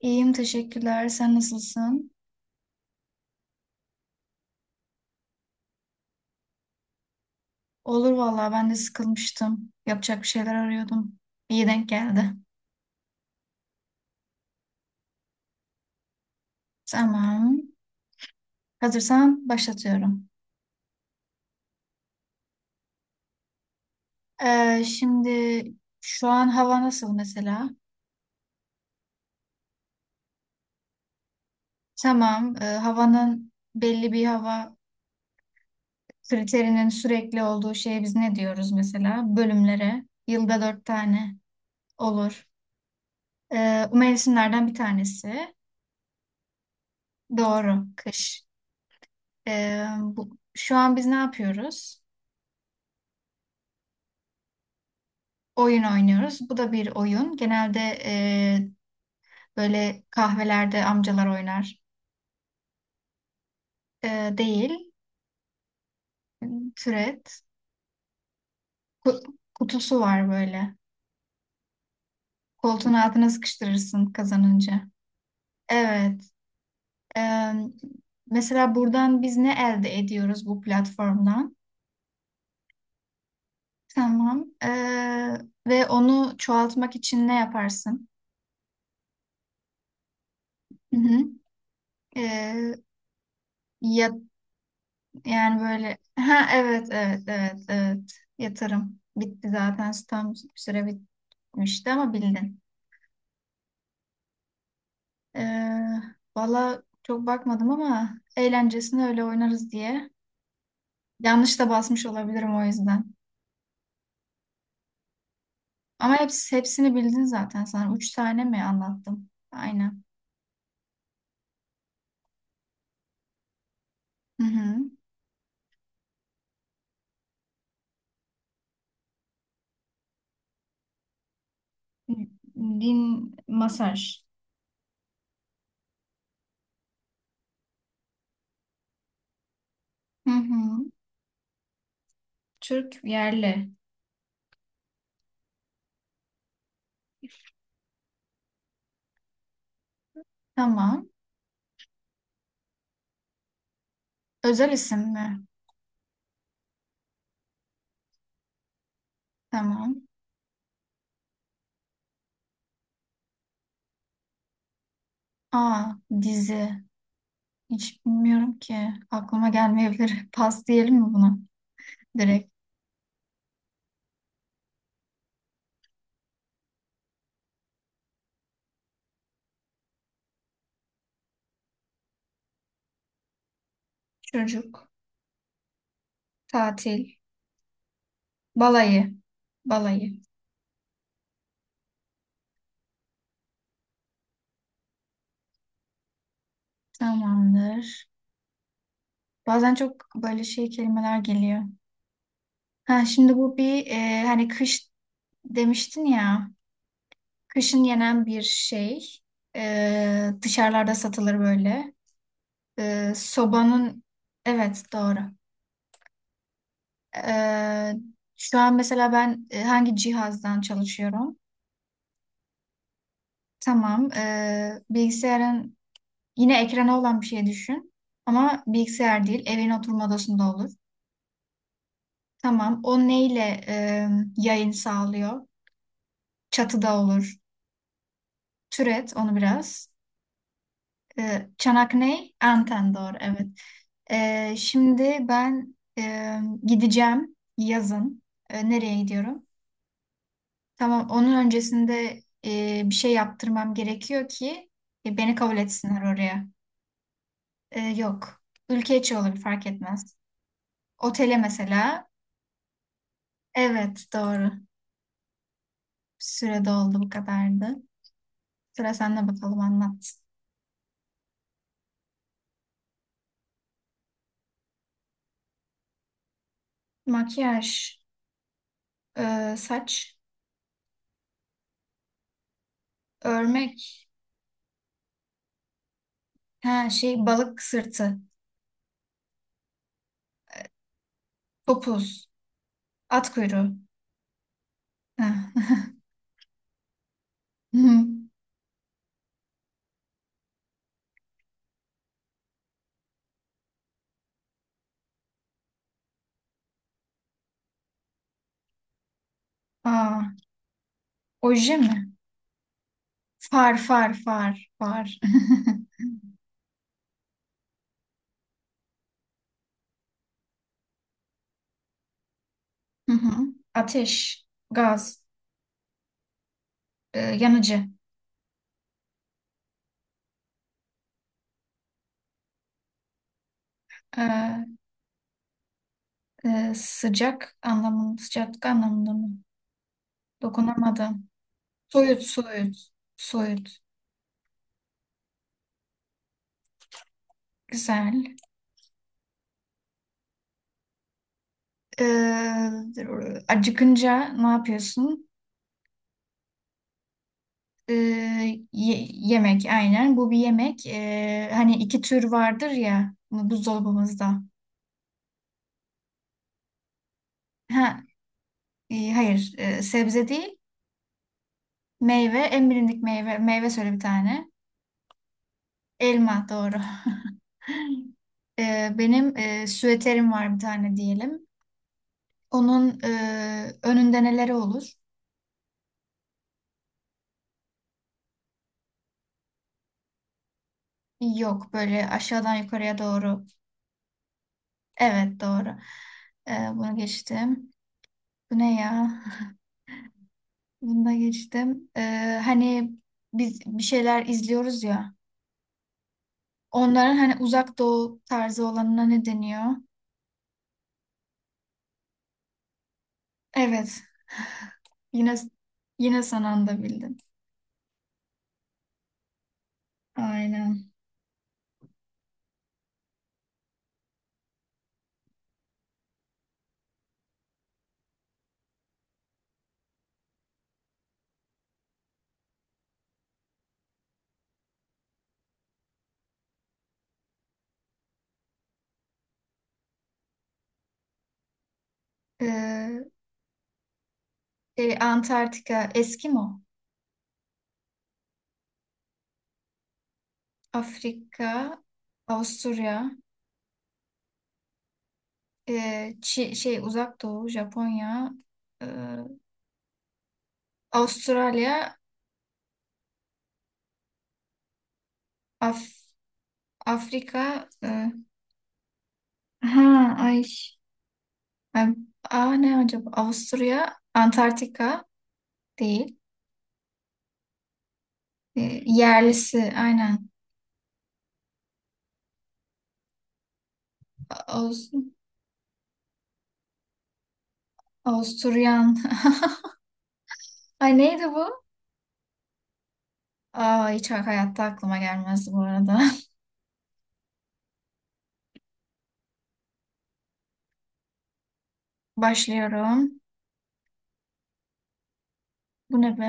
İyiyim, teşekkürler. Sen nasılsın? Olur vallahi, ben de sıkılmıştım. Yapacak bir şeyler arıyordum. İyi denk geldi. Tamam. Hazırsan başlatıyorum. Şimdi şu an hava nasıl mesela? Tamam. Havanın belli bir hava kriterinin sürekli olduğu şeye biz ne diyoruz mesela? Bölümlere. Yılda dört tane olur. Bu mevsimlerden bir tanesi. Doğru. Kış. Şu an biz ne yapıyoruz? Oyun oynuyoruz. Bu da bir oyun. Genelde e, böyle kahvelerde amcalar oynar. E, Değil. Türet. Kutusu var böyle. Koltuğun altına sıkıştırırsın kazanınca. Evet. E, Mesela buradan biz ne elde ediyoruz, bu platformdan? Tamam. Ve onu çoğaltmak için ne yaparsın? Hı hı. E, ya Yani böyle, ha, evet, evet, evet, evet, yatırım bitti zaten, tam süre bitmişti ama bildin. Ee, Valla çok bakmadım ama eğlencesine öyle oynarız diye. Yanlış da basmış olabilirim, o yüzden. Ama hepsi, hepsini bildin zaten sana. Üç tane mi anlattım? Aynen. Hı hı. Din masaj. Hı hı. Türk yerli. Tamam. Özel isim mi? Tamam. Aa, dizi. Hiç bilmiyorum ki. Aklıma gelmeyebilir. Pas diyelim mi buna? Direkt çocuk, tatil, balayı, balayı. Tamamdır. Bazen çok böyle şey kelimeler geliyor. Ha, şimdi bu bir hani kış demiştin ya. Kışın yenen bir şey. Dışarılarda satılır böyle. Sobanın evet doğru. E, Şu an mesela ben hangi cihazdan çalışıyorum? Tamam. Bilgisayarın. Yine ekrana olan bir şey düşün. Ama bilgisayar değil, evin oturma odasında olur. Tamam. O neyle yayın sağlıyor? Çatıda olur. Türet onu biraz. Çanak ney? Anten doğru, evet. Şimdi ben gideceğim yazın. Nereye gidiyorum? Tamam. Onun öncesinde bir şey yaptırmam gerekiyor ki beni kabul etsinler oraya. Yok. Ülke içi olur, fark etmez. Otele mesela. Evet, doğru. Süre doldu, bu kadardı. Sıra sende bakalım, anlat. Makyaj, saç, örmek, ha şey, balık sırtı, topuz, at kuyruğu. Ha. Hı. Aa, oje mi? Far, far, far, far. Hı hı. Ateş, gaz, yanıcı, E, sıcak anlamında, sıcaklık anlamında mı? Dokunamadım. Soyut, soyut, soyut. Güzel. Ee, Acıkınca ne yapıyorsun? Ee, Yemek aynen. Bu bir yemek. Hani iki tür vardır ya buzdolabımızda. Ha, hayır, sebze değil. Meyve, en bilindik meyve. Meyve söyle bir tane. Elma doğru. Benim süeterim var bir tane diyelim. Onun önünde neleri olur? Yok, böyle aşağıdan yukarıya doğru. Evet doğru. Bunu geçtim. Bu ne ya? Bunu da geçtim. Hani biz bir şeyler izliyoruz ya. Onların hani uzak doğu tarzı olanına ne deniyor? Evet. Yine, yine son anda bildin. Aynen. Ee, Şey, Antarktika, Eskimo, Afrika, Avusturya, şey, uzak doğu, Japonya, ee, Avustralya, Af Afrika, ha ay. Ay, aa, ne acaba? Avusturya, Antarktika, değil. Yerlisi aynen. Aus Avusturyan. Ay neydi bu? Aa, hiç hayatta aklıma gelmezdi bu arada. Başlıyorum. Bu ne be?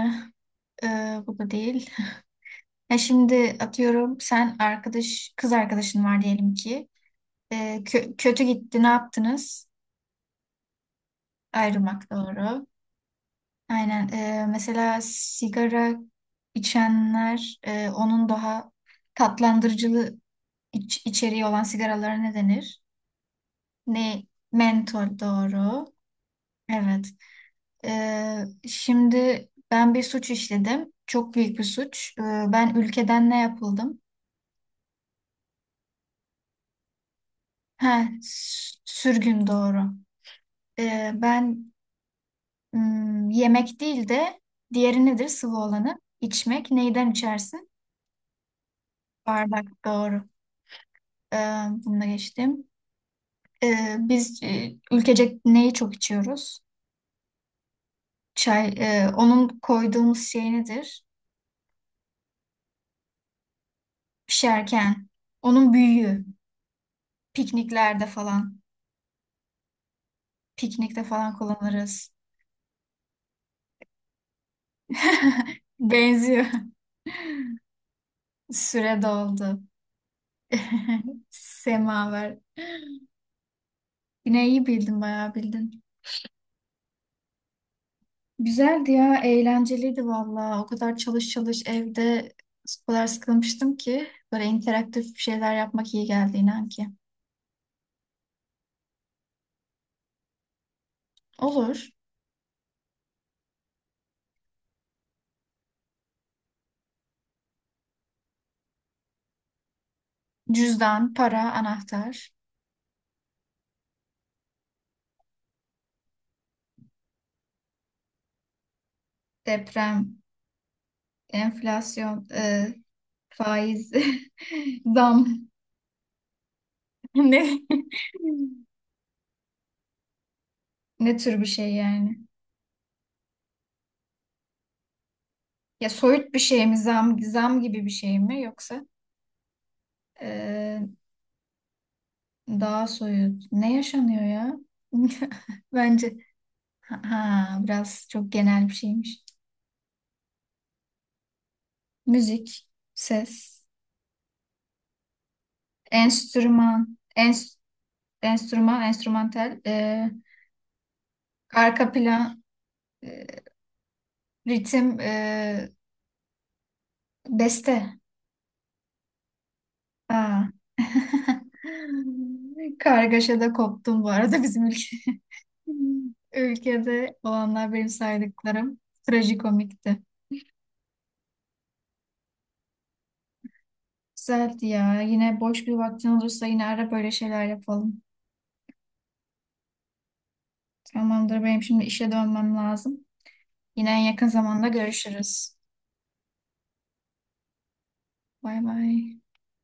Bu da değil. Ya şimdi atıyorum, sen arkadaş kız arkadaşın var diyelim ki. Kötü gitti, ne yaptınız? Ayrılmak doğru. Aynen. Mesela sigara içenler, onun daha tatlandırıcılı içeriği olan sigaralara ne denir? Ne? Mentor doğru. Evet. Şimdi ben bir suç işledim. Çok büyük bir suç. Ben ülkeden ne yapıldım? Ha, sürgün doğru. Ben, hmm, yemek değil de diğeri nedir? Sıvı olanı. İçmek. Neyden içersin? Bardak doğru. Ee, Bunu da geçtim. Biz ülkecek neyi çok içiyoruz? Çay. Onun koyduğumuz şey nedir? Pişerken. Onun büyüğü. Pikniklerde falan. Piknikte falan kullanırız. Benziyor. Süre doldu. Semaver. Yine iyi bildin, bayağı bildin. Güzeldi ya, eğlenceliydi valla. O kadar çalış çalış evde, o kadar sıkılmıştım ki. Böyle interaktif bir şeyler yapmak iyi geldi, inan ki. Olur. Cüzdan, para, anahtar, deprem, enflasyon, faiz, zam. Ne? Ne tür bir şey yani? Ya soyut bir şey mi, zam, zam gibi bir şey mi, yoksa e, daha soyut? Ne yaşanıyor ya? Bence, ha, biraz çok genel bir şeymiş. Müzik, ses, enstrüman, enstrüman, enstrümantal, arka plan, e, ritim, beste. Aa. Kargaşada koptum bu arada bizim ülke. Ülkede olanlar, benim saydıklarım trajikomikti. Güzeldi ya. Yine boş bir vaktin olursa yine ara, böyle şeyler yapalım. Tamamdır, benim şimdi işe dönmem lazım. Yine en yakın zamanda görüşürüz. Bay bay.